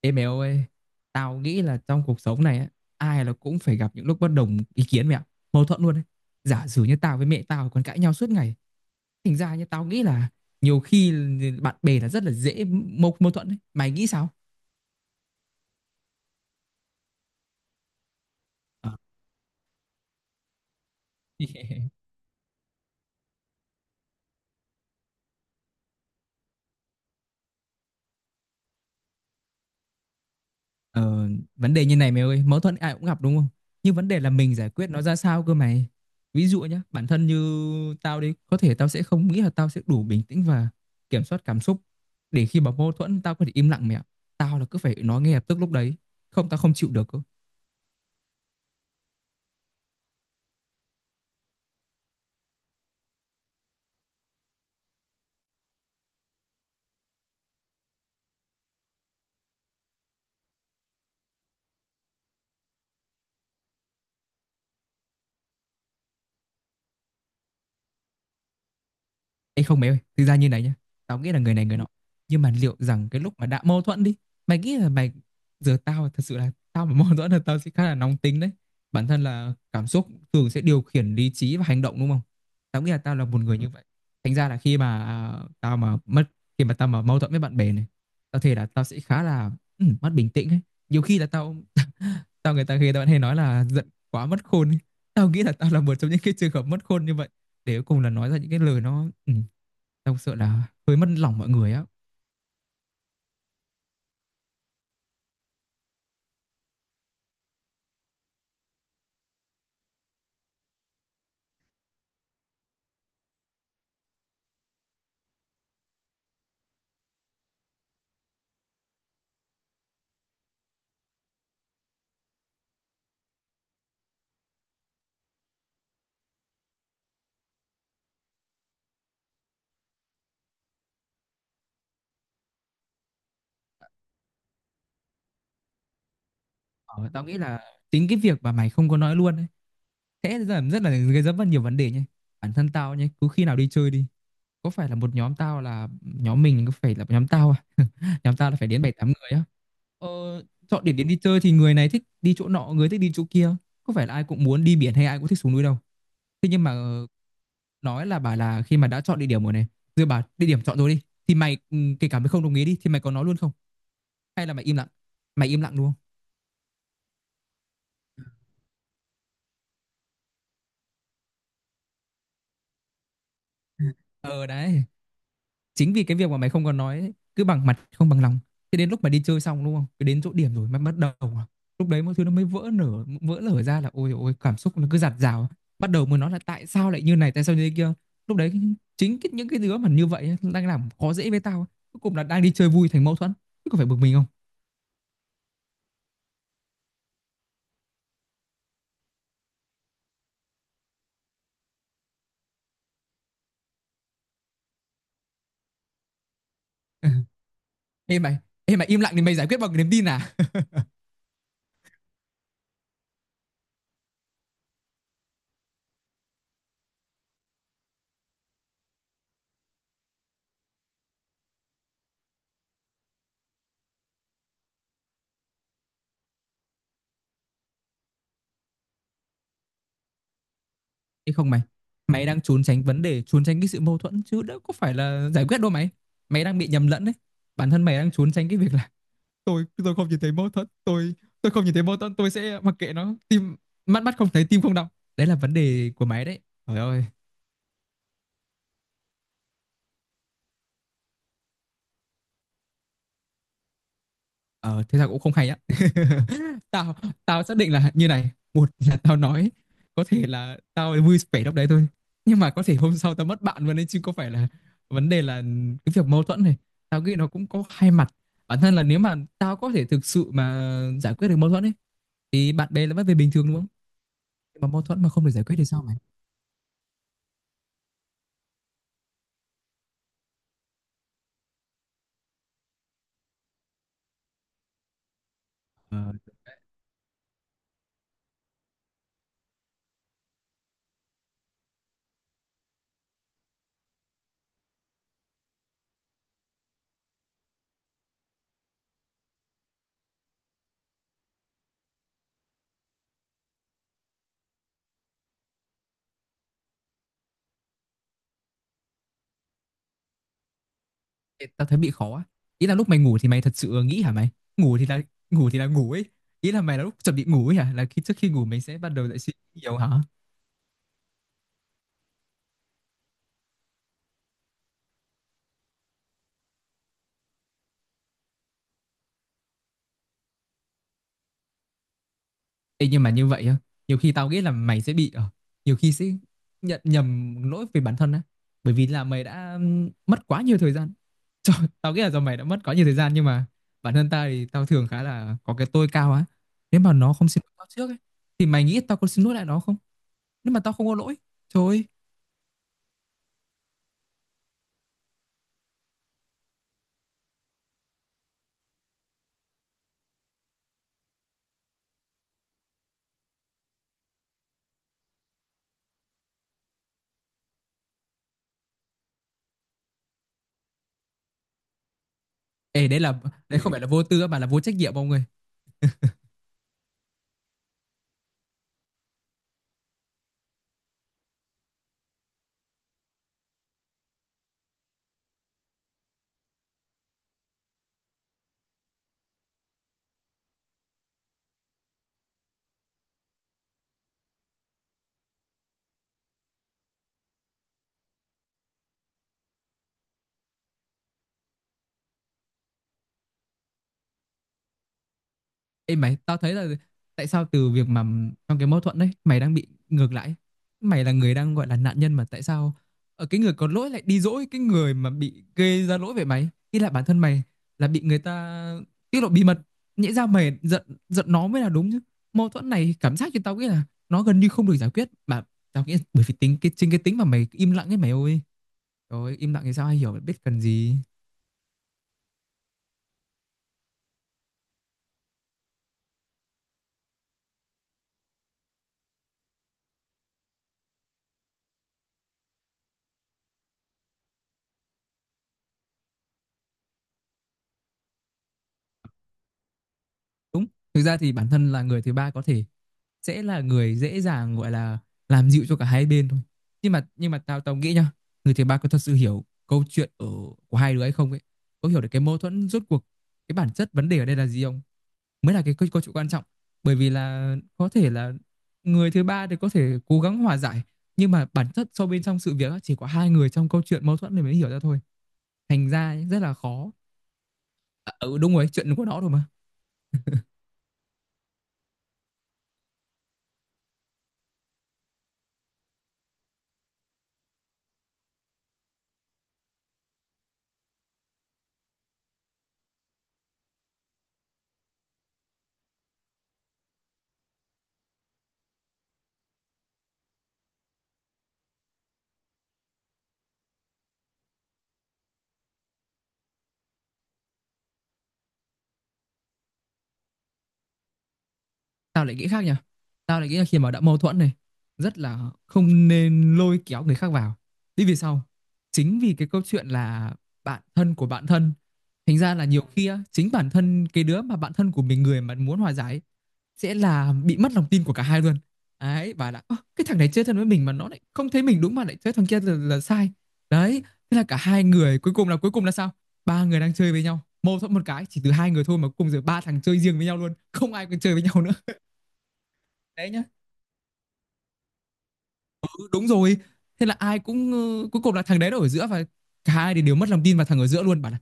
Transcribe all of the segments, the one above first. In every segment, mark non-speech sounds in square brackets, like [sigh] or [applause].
Ê mày ơi, tao nghĩ là trong cuộc sống này á, ai là cũng phải gặp những lúc bất đồng ý kiến mẹ ạ, mâu thuẫn luôn đấy. Giả sử như tao với mẹ tao còn cãi nhau suốt ngày, thành ra như tao nghĩ là nhiều khi bạn bè là rất là dễ mâu mâu thuẫn đấy. Mày nghĩ sao? Ờ. [laughs] Ờ, vấn đề như này mày ơi, mâu thuẫn ai cũng gặp đúng không? Nhưng vấn đề là mình giải quyết nó ra sao cơ mày. Ví dụ nhá, bản thân như tao đi, có thể tao sẽ không nghĩ là tao sẽ đủ bình tĩnh và kiểm soát cảm xúc để khi mà mâu thuẫn tao có thể im lặng mẹ ạ. Tao là cứ phải nói ngay lập tức lúc đấy, không tao không chịu được cơ. Ê không mày ơi, thực ra như này nhá. Tao nghĩ là người này người nọ. Nhưng mà liệu rằng cái lúc mà đã mâu thuẫn đi, mày nghĩ là mày giờ tao thật sự là tao mà [laughs] mâu thuẫn là tao sẽ khá là nóng tính đấy. Bản thân là cảm xúc thường sẽ điều khiển lý trí và hành động đúng không? Tao nghĩ là tao là một người như vậy. Thành ra là khi mà tao mà mất khi mà tao mà mâu thuẫn với bạn bè này, tao thề là tao sẽ khá là mất bình tĩnh ấy. Nhiều khi là tao Tao người ta khi tao vẫn hay nói là giận quá mất khôn ấy. Tao nghĩ là tao là một trong những cái trường hợp mất khôn như vậy để cuối cùng là nói ra những cái lời nó tao sợ là hơi mất lòng mọi người á. Ờ, tao nghĩ là chính cái việc mà mày không có nói luôn ấy, thế là rất là gây ra rất nhiều vấn đề nhé. Bản thân tao nhé, cứ khi nào đi chơi đi, có phải là một nhóm tao là nhóm mình có phải là nhóm tao à? Nhóm tao là phải đến 7, 8 người á ờ, Chọn điểm đến đi chơi thì người này thích đi chỗ nọ, người thích đi chỗ kia, có phải là ai cũng muốn đi biển hay ai cũng thích xuống núi đâu. Thế nhưng mà nói là bà là khi mà đã chọn địa điểm rồi này, rồi bà địa điểm chọn rồi đi, thì mày kể cả mày không đồng ý đi thì mày có nói luôn không, hay là mày im lặng, mày im lặng luôn. Ờ đấy chính vì cái việc mà mày không còn nói ấy, cứ bằng mặt không bằng lòng, thế đến lúc mà đi chơi xong đúng không, cứ đến chỗ điểm rồi mày bắt đầu lúc đấy mọi thứ nó mới vỡ lở ra, là ôi ôi cảm xúc nó cứ dạt dào, bắt đầu mới nói là tại sao lại như này tại sao như thế kia. Lúc đấy chính cái, những cái đứa mà như vậy ấy, đang làm khó dễ với tao, cuối cùng là đang đi chơi vui thành mâu thuẫn, chứ có phải bực mình không. Ê mày, ê mày, im lặng thì mày giải quyết bằng niềm tin à? Ê không mày, mày đang trốn tránh vấn đề, trốn tránh cái sự mâu thuẫn chứ đâu có phải là giải quyết đâu mày. Mày đang bị nhầm lẫn đấy. Bản thân mày đang trốn tránh cái việc là tôi không nhìn thấy mâu thuẫn, tôi không nhìn thấy mâu thuẫn, tôi sẽ mặc kệ nó, mắt mắt không thấy tim không đau. Đấy là vấn đề của mày đấy. Trời ơi. Ờ, thế là cũng không hay á. [laughs] Tao tao xác định là như này, một là tao nói, có thể là tao vui vẻ lúc đấy thôi, nhưng mà có thể hôm sau tao mất bạn luôn đấy chứ có phải là, vấn đề là cái việc mâu thuẫn này. Tao nghĩ nó cũng có hai mặt. Bản thân là nếu mà tao có thể thực sự mà giải quyết được mâu thuẫn ấy thì bạn bè là vẫn về bình thường đúng không? Mà mâu thuẫn mà không được giải quyết thì sao mày? Tao thấy bị khó á. Ý là lúc mày ngủ thì mày thật sự nghĩ hả mày? Ngủ thì là ngủ thì là ngủ ấy. Ý là mày là lúc chuẩn bị ngủ ấy hả? Là khi trước khi ngủ mày sẽ bắt đầu lại suy nghĩ nhiều hả? Ê, nhưng mà như vậy á, nhiều khi tao nghĩ là mày sẽ bị nhiều khi sẽ nhận nhầm lỗi về bản thân á. Bởi vì là mày đã mất quá nhiều thời gian. [laughs] Trời, tao nghĩ là do mày đã mất quá nhiều thời gian, nhưng mà bản thân tao thì tao thường khá là có cái tôi cao á. Nếu mà nó không xin lỗi tao trước ấy thì mày nghĩ tao có xin lỗi lại nó không? Nếu mà tao không có lỗi, trời ơi. Ê đấy là đấy không phải là vô tư mà là vô trách nhiệm ông ơi. Ê mày, tao thấy là, tại sao từ việc mà trong cái mâu thuẫn đấy mày đang bị ngược lại. Mày là người đang gọi là nạn nhân mà tại sao ở cái người có lỗi lại đi dỗi cái người mà bị gây ra lỗi về mày? Ý là bản thân mày là bị người ta tiết lộ bí mật, nhẽ ra mày giận giận nó mới là đúng chứ. Mâu thuẫn này cảm giác cho tao nghĩ là nó gần như không được giải quyết, mà tao nghĩ bởi vì tính cái, chính cái tính mà mày im lặng ấy mày ơi. Trời ơi, im lặng thì sao ai hiểu biết cần gì. Đúng. Thực ra thì bản thân là người thứ ba có thể sẽ là người dễ dàng gọi là làm dịu cho cả hai bên thôi. Nhưng mà tao tao nghĩ nhá, người thứ ba có thật sự hiểu câu chuyện của hai đứa hay không ấy, có hiểu được cái mâu thuẫn rốt cuộc cái bản chất vấn đề ở đây là gì không? Mới là cái câu chuyện quan trọng. Bởi vì là có thể là người thứ ba thì có thể cố gắng hòa giải, nhưng mà bản chất sâu bên trong sự việc á, chỉ có hai người trong câu chuyện mâu thuẫn này mới hiểu ra thôi. Thành ra ấy, rất là khó. À, ừ đúng rồi, chuyện của nó rồi mà. Tao lại nghĩ khác nha. Tao lại nghĩ là khi mà đã mâu thuẫn này, rất là không nên lôi kéo người khác vào đi. Vì sao? Chính vì cái câu chuyện là bạn thân của bạn thân, thành ra là nhiều khi á, chính bản thân cái đứa mà bạn thân của mình, người mà muốn hòa giải ấy, sẽ là bị mất lòng tin của cả hai luôn đấy, và là "Ơ, cái thằng này chơi thân với mình mà nó lại không thấy mình đúng mà lại chơi thằng kia là sai đấy." Thế là cả hai người, cuối cùng là sao, ba người đang chơi với nhau, mâu thuẫn một cái chỉ từ hai người thôi mà cuối cùng giờ ba thằng chơi riêng với nhau luôn, không ai còn chơi với nhau nữa. Đấy nhá. Ừ, đúng rồi, thế là ai cũng cuối cùng là thằng đấy nó ở giữa, và cả hai thì đều mất lòng tin vào thằng ở giữa luôn, bảo là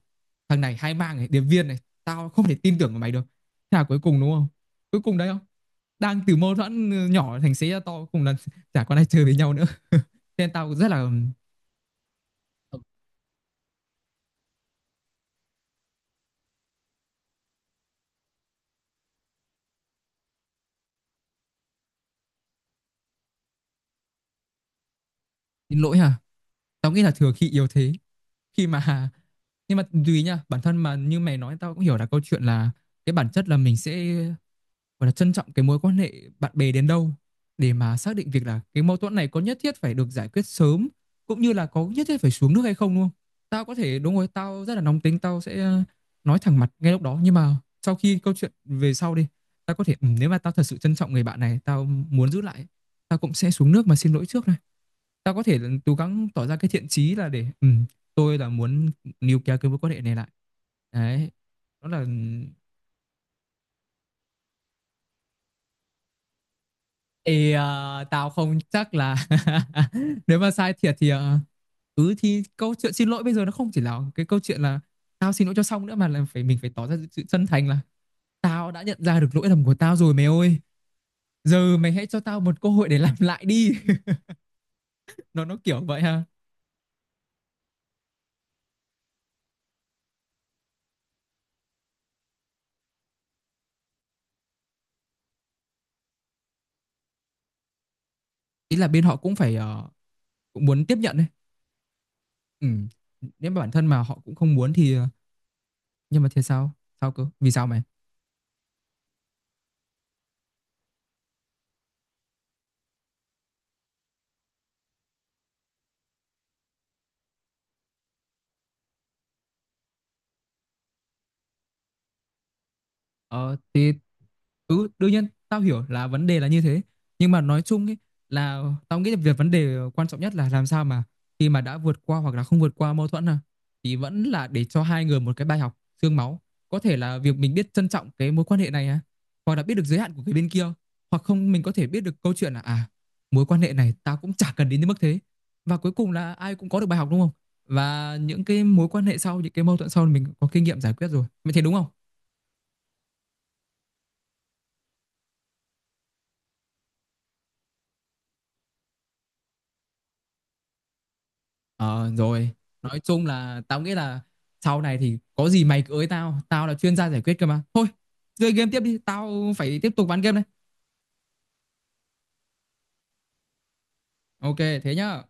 thằng này hai mang này, điệp viên này, tao không thể tin tưởng vào mày được. Thế là cuối cùng đúng không, cuối cùng đấy không, đang từ mâu thuẫn nhỏ thành xế ra to, cuối cùng là [laughs] chả còn ai chơi với nhau nữa. [laughs] Thế nên tao rất là ừ, xin lỗi hả, tao nghĩ là thừa khi yếu thế, khi mà [laughs] nhưng mà tùy nha, bản thân mà như mày nói, tao cũng hiểu là câu chuyện là, cái bản chất là mình sẽ gọi là trân trọng cái mối quan hệ bạn bè đến đâu, để mà xác định việc là cái mâu thuẫn này có nhất thiết phải được giải quyết sớm, cũng như là có nhất thiết phải xuống nước hay không, đúng không? Tao có thể, đúng rồi, tao rất là nóng tính, tao sẽ nói thẳng mặt ngay lúc đó, nhưng mà sau khi câu chuyện về sau đi, tao có thể nếu mà tao thật sự trân trọng người bạn này, tao muốn giữ lại, tao cũng sẽ xuống nước mà xin lỗi trước này. Tao có thể cố gắng tỏ ra cái thiện chí là để tôi là muốn níu kéo cái mối quan hệ này lại. Đấy. Đó là ừ, Ê, tao không chắc là, [laughs] nếu mà sai thiệt thì thì câu chuyện xin lỗi bây giờ nó không chỉ là cái câu chuyện là tao xin lỗi cho xong nữa, mà là phải, mình phải tỏ ra sự chân thành là tao đã nhận ra được lỗi lầm của tao rồi mày ơi, giờ mày hãy cho tao một cơ hội để làm lại đi. [laughs] Nó kiểu vậy ha, ý là bên họ cũng phải cũng muốn tiếp nhận đấy. Ừ. Nếu mà bản thân mà họ cũng không muốn thì nhưng mà thế sao, sao cơ, vì sao mày. Ờ, đương nhiên tao hiểu là vấn đề là như thế, nhưng mà nói chung ấy, là tao nghĩ là vấn đề quan trọng nhất là làm sao mà khi mà đã vượt qua hoặc là không vượt qua mâu thuẫn thì vẫn là để cho hai người một cái bài học xương máu, có thể là việc mình biết trân trọng cái mối quan hệ này hoặc là biết được giới hạn của cái bên kia, hoặc không mình có thể biết được câu chuyện là, à, mối quan hệ này tao cũng chả cần đến đến mức thế, và cuối cùng là ai cũng có được bài học đúng không, và những cái mối quan hệ sau, những cái mâu thuẫn sau mình có kinh nghiệm giải quyết rồi, mày thấy đúng không. Ờ rồi, nói chung là tao nghĩ là sau này thì có gì mày cứ ới tao, tao là chuyên gia giải quyết cơ mà. Thôi, chơi game tiếp đi, tao phải tiếp tục ván game đây. Ok, thế nhá.